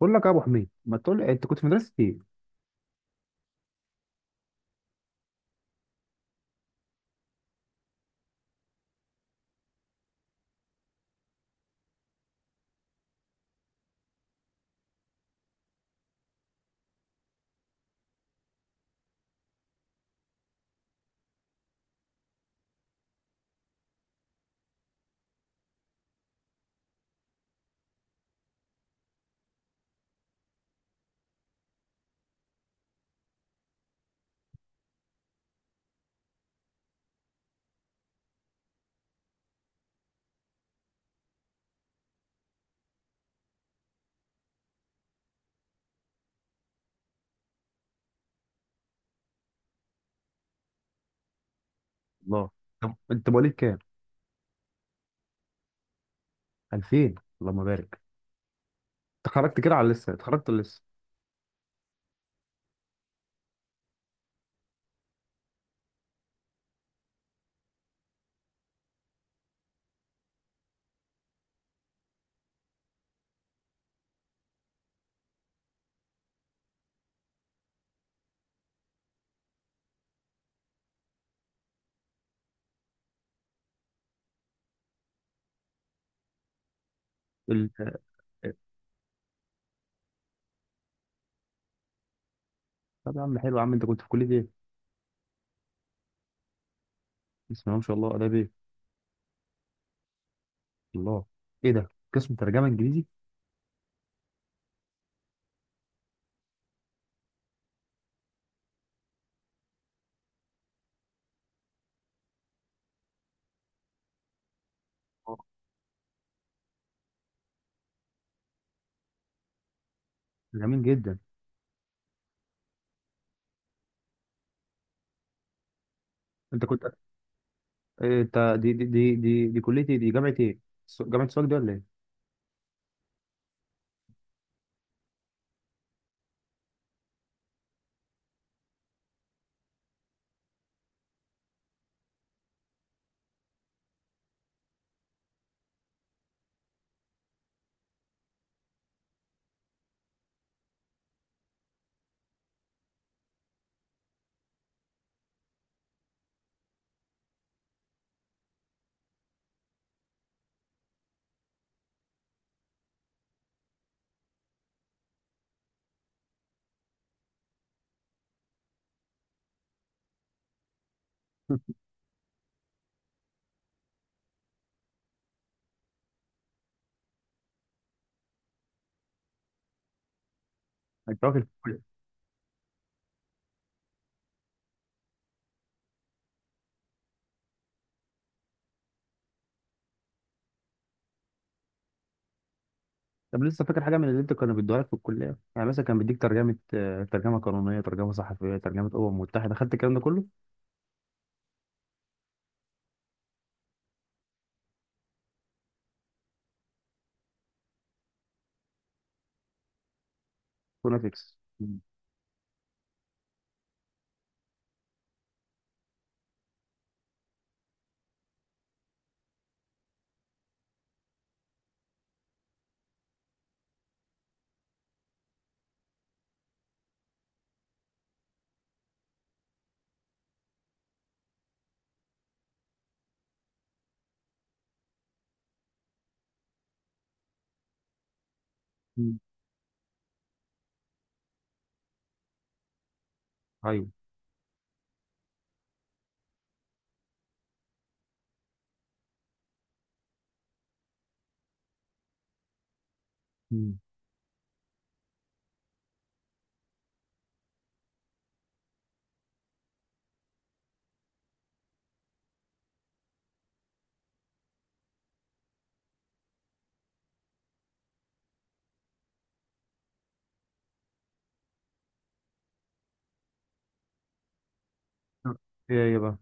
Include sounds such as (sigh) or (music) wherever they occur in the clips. بقول لك يا ابو حميد، ما تقول لي انت كنت في مدرسه ايه؟ الله. طب انت مواليد كام؟ 2000. اللهم بارك. اتخرجت كده على لسه اتخرجت لسه ال... طب يا عم، حلو يا عم، انت كنت في كليه ايه؟ بسم الله ما شاء الله، اداب ايه؟ الله، ايه ده قسم ترجمه انجليزي؟ آه. جميل جدا. انت كنت إيه؟ انت دي كليه ايه؟ دي جامعه ايه؟ جامعه سواك دي ولا ايه؟ (laughs) انت واكل في الكلية. طب لسه فاكر حاجه من اللي انت كانوا بيدوها لك في الكليه؟ يعني مثلا كان بيديك ترجمه، ترجمه قانونيه، ترجمه صحفيه، ترجمه متحده، خدت الكلام ده كله؟ فوناتكس. ايوه. مم. ايه هي بقى؟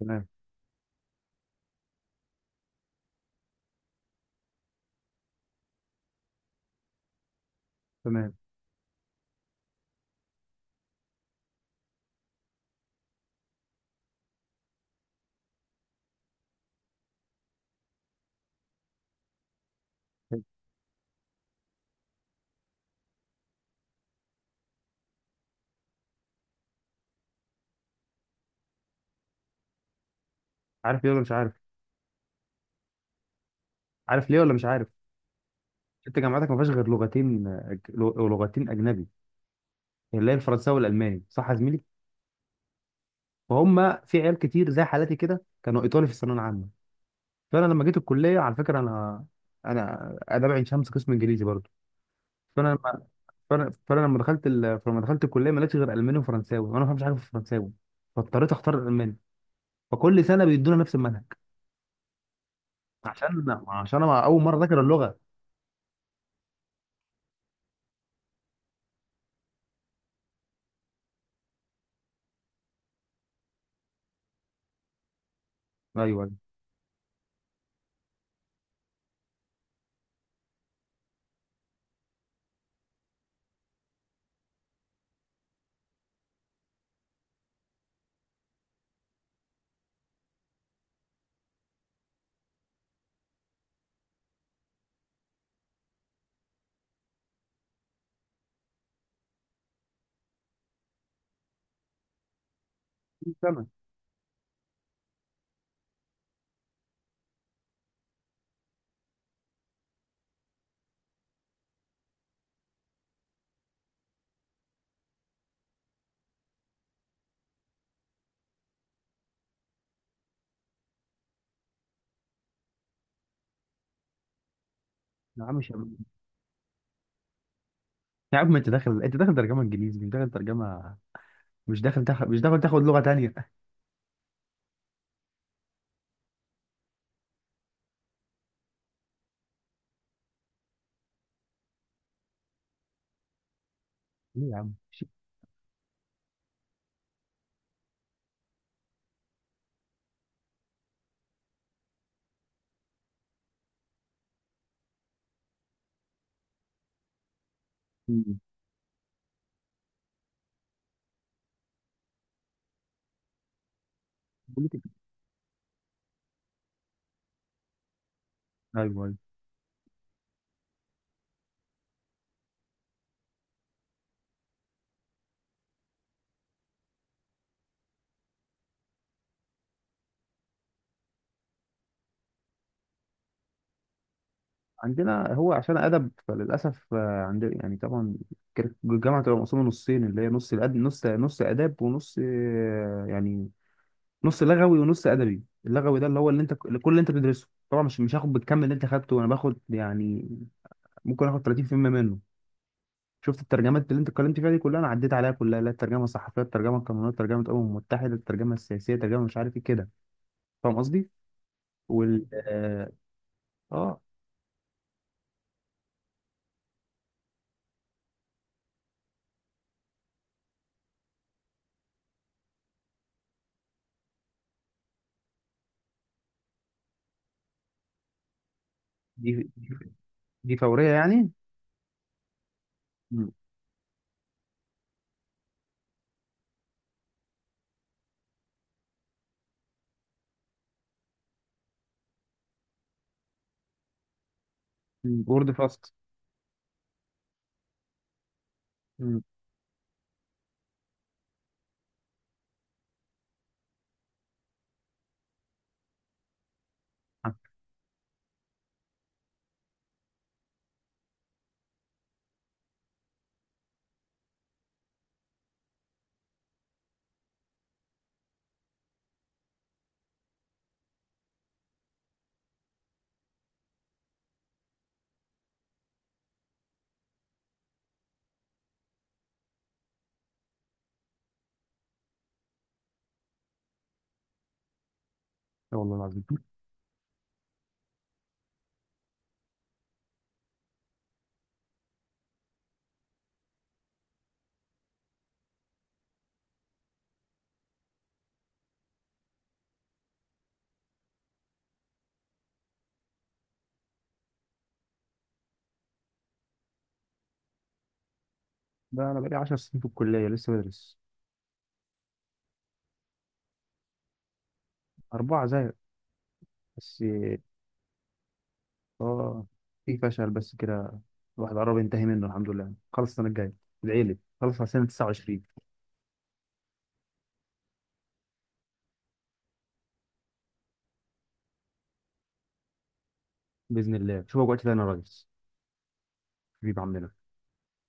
تمام. تمام. عارف ليه ولا مش عارف؟ عارف ليه ولا مش عارف؟ انت جامعتك ما فيهاش غير لغتين، لغتين اجنبي، اللي هي الفرنساوي والالماني، صح يا زميلي؟ فهم في عيال كتير زي حالاتي كده كانوا ايطالي في الثانويه العامه. فانا لما جيت الكليه، على فكره، انا انا اداب عين شمس قسم انجليزي برضه. فانا لما فأنا لما فلما دخلت الكليه ما لقيتش غير الماني وفرنساوي، وانا ما فهمش حاجه في الفرنساوي، فاضطريت اختار الالماني. فكل سنه بيدونا نفس المنهج، عشان انا اول مره ذاكر اللغه. ايوه. سنة. يا عم مش، يا عم انت داخل، انت داخل ترجمة انجليزي مش داخل ترجمة مش داخل تاخد، مش داخل تاخد لغة تانية. (laughs) ليه يا عم؟ شيء. بوليتيك. ايوه ايوه. عندنا هو عشان ادب فللاسف، عندنا يعني طبعا كانت الجامعة تبقى مقسومة نصين، اللي هي نص الأد... نص نص اداب ونص، يعني نص لغوي ونص ادبي. اللغوي ده اللي هو اللي انت كل اللي انت بتدرسه طبعا، مش هاخد بالكم، اللي انت خدته انا باخد يعني ممكن اخد 30% منه. شفت الترجمات اللي انت اتكلمت فيها دي كلها، انا عديت عليها كلها، لا الترجمه الصحفيه، الترجمه القانونيه، الترجمه الامم المتحده، الترجمه السياسيه، الترجمه مش عارف ايه كده. فاهم قصدي؟ وال اه، آه، دي دي فوريه يعني. مم. مم. وورد فاست. مم. آه، يا والله العظيم، ده انا بقالي 10 سنين في الكليه لسه بدرس. اربعه زي، بس. اه، في فشل بس كده. الواحد قرب ينتهي منه الحمد لله، خلص السنه الجايه. العيله خلص على سنه 29. باذن الله شوفك وقت تاني يا ريس. حبيب عمنا.